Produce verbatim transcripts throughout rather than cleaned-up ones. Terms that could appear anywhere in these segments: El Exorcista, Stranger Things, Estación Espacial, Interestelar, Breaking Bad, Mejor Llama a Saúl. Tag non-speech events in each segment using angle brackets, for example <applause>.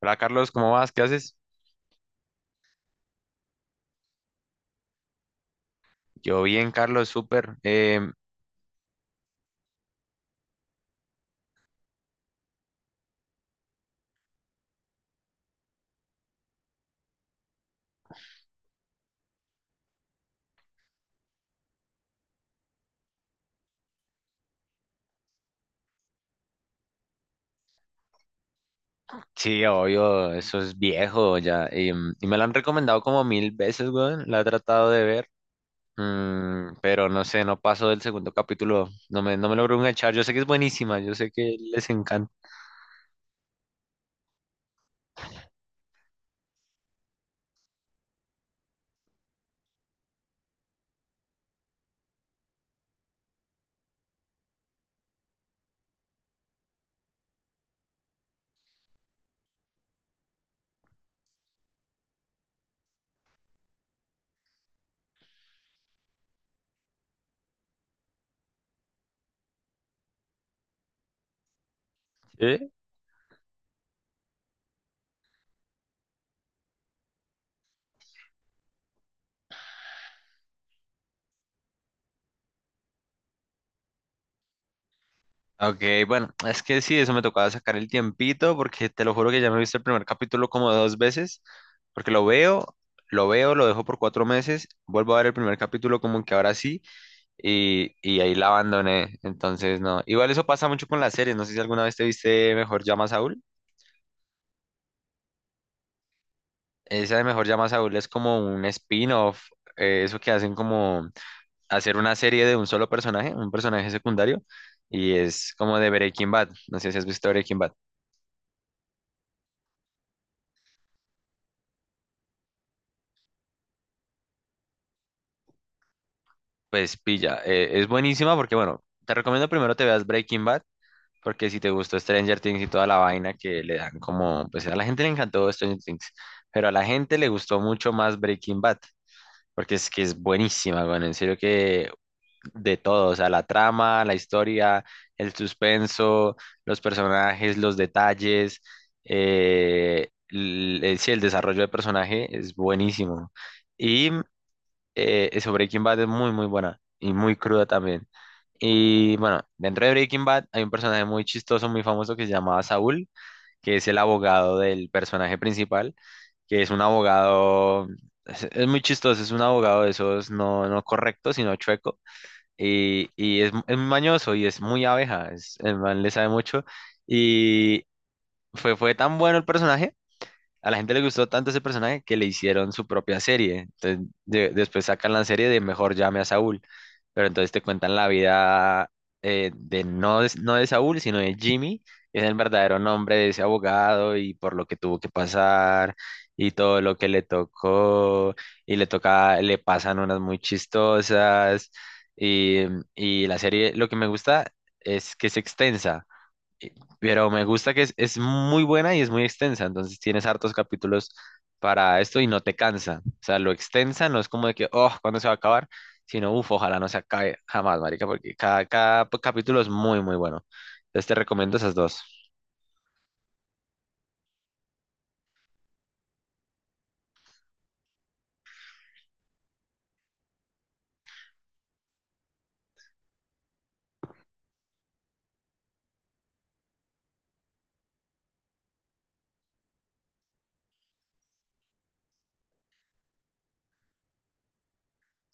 Hola Carlos, ¿cómo vas? ¿Qué haces? Yo bien, Carlos, súper. Em, sí, obvio, eso es viejo ya. Em, y me lo han recomendado como mil veces, weón. La he tratado de ver, mm, pero no sé, no paso del segundo capítulo. No me, no me logro enganchar. Yo sé que es buenísima, yo sé que les encanta. ¿Eh? Ok, bueno, es que sí, eso me tocaba sacar el tiempito porque te lo juro que ya me he visto el primer capítulo como dos veces, porque lo veo, lo veo, lo dejo por cuatro meses, vuelvo a ver el primer capítulo como que ahora sí. y, y ahí la abandoné. Entonces, no. Igual eso pasa mucho con las series. No sé si alguna vez te viste Mejor Llama a Saúl. Esa de Mejor Llama a Saúl es como un spin-off. Eh, eso que hacen como hacer una serie de un solo personaje, un personaje secundario. Y es como de Breaking Bad. No sé si has visto Breaking Bad. Pues pilla. Eh, es buenísima porque, bueno, te recomiendo primero te veas Breaking Bad. Porque si te gustó Stranger Things y toda la vaina que le dan como, pues a la gente le encantó Stranger Things, pero a la gente le gustó mucho más Breaking Bad. Porque es que es buenísima, bueno, en serio que de todo, o sea, la trama, la historia, el suspenso, los personajes, los detalles, eh, l- el, sí, el desarrollo de personaje es buenísimo. Y eh, sobre Breaking Bad es muy, muy buena y muy cruda también. Y bueno, dentro de Breaking Bad hay un personaje muy chistoso, muy famoso que se llamaba Saúl, que es el abogado del personaje principal que es un abogado, es, es muy chistoso, es un abogado de esos no, no correcto, sino chueco, y, y es, es muy mañoso y es muy abeja, es, el man le sabe mucho, y fue, fue tan bueno el personaje a la gente le gustó tanto ese personaje que le hicieron su propia serie. Entonces, de- después sacan la serie de Mejor llame a Saúl, pero entonces te cuentan la vida eh, de no, de- no de Saúl, sino de Jimmy, que es el verdadero nombre de ese abogado y por lo que tuvo que pasar y todo lo que le tocó y le toca, le pasan unas muy chistosas y, y la serie, lo que me gusta es que es extensa. Eh, Pero me gusta que es, es muy buena y es muy extensa, entonces tienes hartos capítulos para esto y no te cansa. O sea, lo extensa no es como de que, oh, ¿cuándo se va a acabar? Sino, uff, ojalá no se acabe jamás, marica, porque cada, cada p- capítulo es muy, muy bueno. Entonces te recomiendo esas dos.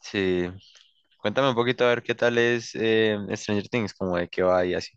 Sí, cuéntame un poquito a ver qué tal es eh, Stranger Things, como de qué va y así.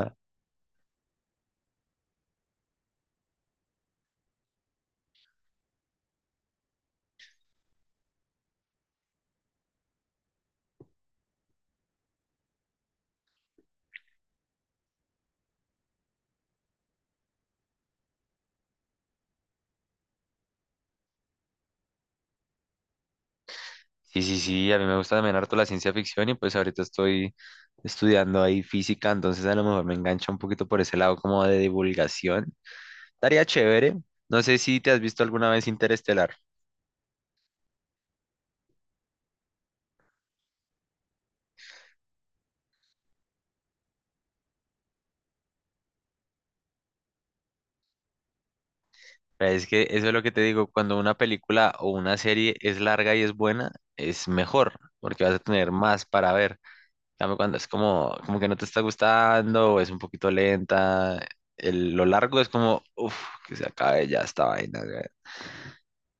<laughs> Sí, sí, sí, a mí me gusta también harto la ciencia ficción y pues ahorita estoy estudiando ahí física, entonces a lo mejor me engancha un poquito por ese lado como de divulgación. Estaría chévere. No sé si te has visto alguna vez Interestelar. Pero es que eso es lo que te digo, cuando una película o una serie es larga y es buena, es mejor, porque vas a tener más para ver. En cambio, cuando es como, como que no te está gustando, o es un poquito lenta, el- lo largo es como, uff, que se acabe ya esta vaina.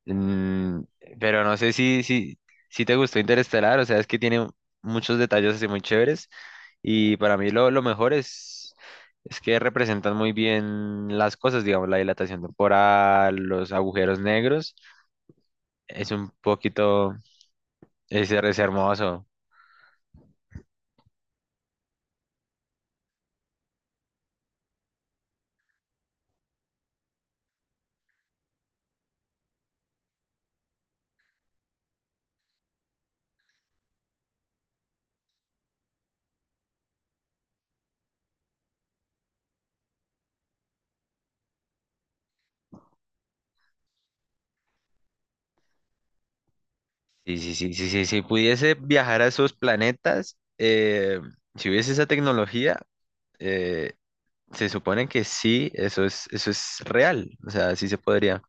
Mm, pero no sé si, si, si te gustó Interestelar, o sea, es que tiene muchos detalles así muy chéveres y para mí lo, lo mejor es, es que representan muy bien las cosas, digamos, la dilatación temporal, los agujeros negros, es un poquito, es, es hermoso. Sí, sí, sí, sí, sí, si pudiese viajar a esos planetas, eh, si hubiese esa tecnología, eh, se supone que sí, eso es, eso es real, o sea, sí se podría.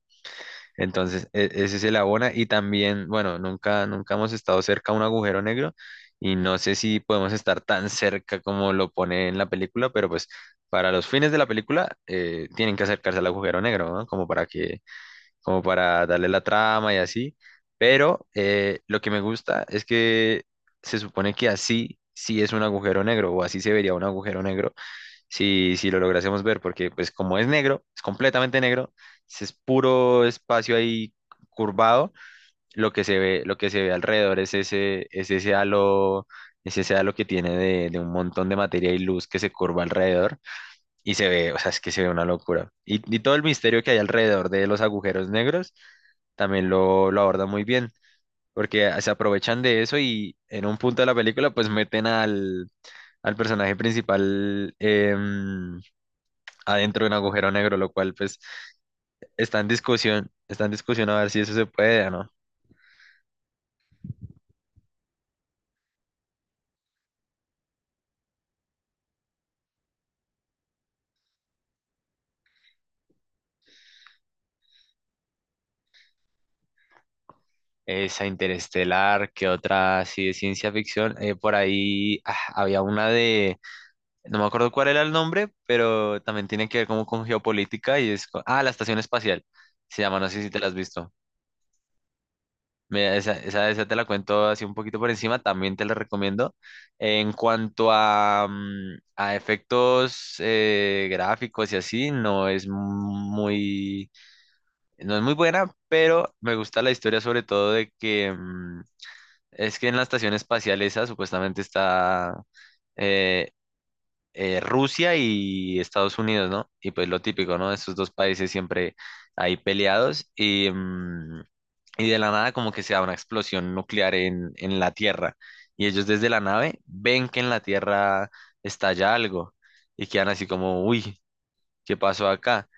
Entonces, e- ese se la abona y también, bueno, nunca, nunca hemos estado cerca a un agujero negro y no sé si podemos estar tan cerca como lo pone en la película, pero pues para los fines de la película eh, tienen que acercarse al agujero negro, ¿no? Como para que, como para darle la trama y así. Pero eh, lo que me gusta es que se supone que así sí es un agujero negro o así se vería un agujero negro si, si lo lográsemos ver, porque pues como es negro, es completamente negro, es puro espacio ahí curvado, lo que se ve, lo que se ve alrededor es ese, es ese halo, es ese halo que tiene de, de un montón de materia y luz que se curva alrededor y se ve, o sea, es que se ve una locura. Y, y todo el misterio que hay alrededor de los agujeros negros también lo, lo abordan muy bien, porque se aprovechan de eso y en un punto de la película pues meten al, al personaje principal. Em, adentro de un agujero negro, lo cual pues está en discusión, está en discusión a ver si eso se puede o no. Esa Interestelar, que otra así de ciencia ficción. Eh, por ahí ah, había una de, no me acuerdo cuál era el nombre, pero también tiene que ver como con geopolítica y es, co- ah, la Estación Espacial, se llama, no sé si te la has visto. Mira, esa, esa, esa te la cuento así un poquito por encima, también te la recomiendo. En cuanto a, mm, a efectos eh, gráficos y así, no es muy No es muy buena, pero me gusta la historia sobre todo de que mm, es que en la estación espacial esa supuestamente está eh, eh, Rusia y Estados Unidos, ¿no? Y pues lo típico, ¿no? Esos dos países siempre ahí peleados y, mm, y de la nada como que se da una explosión nuclear en, en la Tierra y ellos desde la nave ven que en la Tierra estalla algo y quedan así como, uy, ¿qué pasó acá?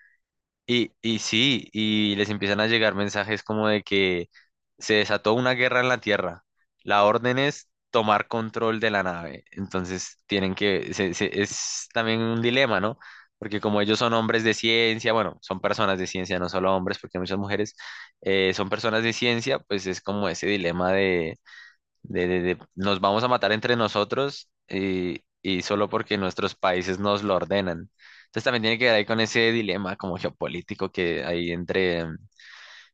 Y, y sí, y les empiezan a llegar mensajes como de que se desató una guerra en la Tierra. La orden es tomar control de la nave. Entonces tienen que, se- se- es también un dilema, ¿no? Porque como ellos son hombres de ciencia, bueno, son personas de ciencia, no solo hombres, porque hay muchas mujeres, eh, son personas de ciencia, pues es como ese dilema de, de- de- nos vamos a matar entre nosotros y, y solo porque nuestros países nos lo ordenan. Entonces también tiene que ver ahí con ese dilema como geopolítico que hay entre, mm,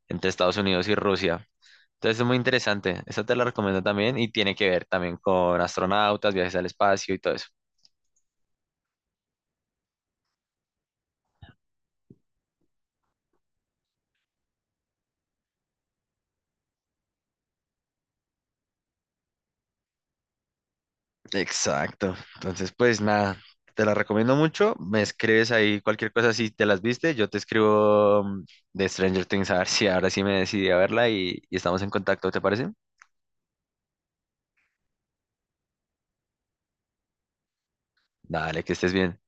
entre Estados Unidos y Rusia. Entonces es muy interesante, esa te la recomiendo también y tiene que ver también con astronautas, viajes al espacio y todo eso. Exacto. Entonces, pues nada, te la recomiendo mucho. Me escribes ahí cualquier cosa si te las viste. Yo te escribo mm, de Stranger Things a ver si ahora sí me decidí a verla y, y estamos en contacto, ¿te parece? Dale, que estés bien.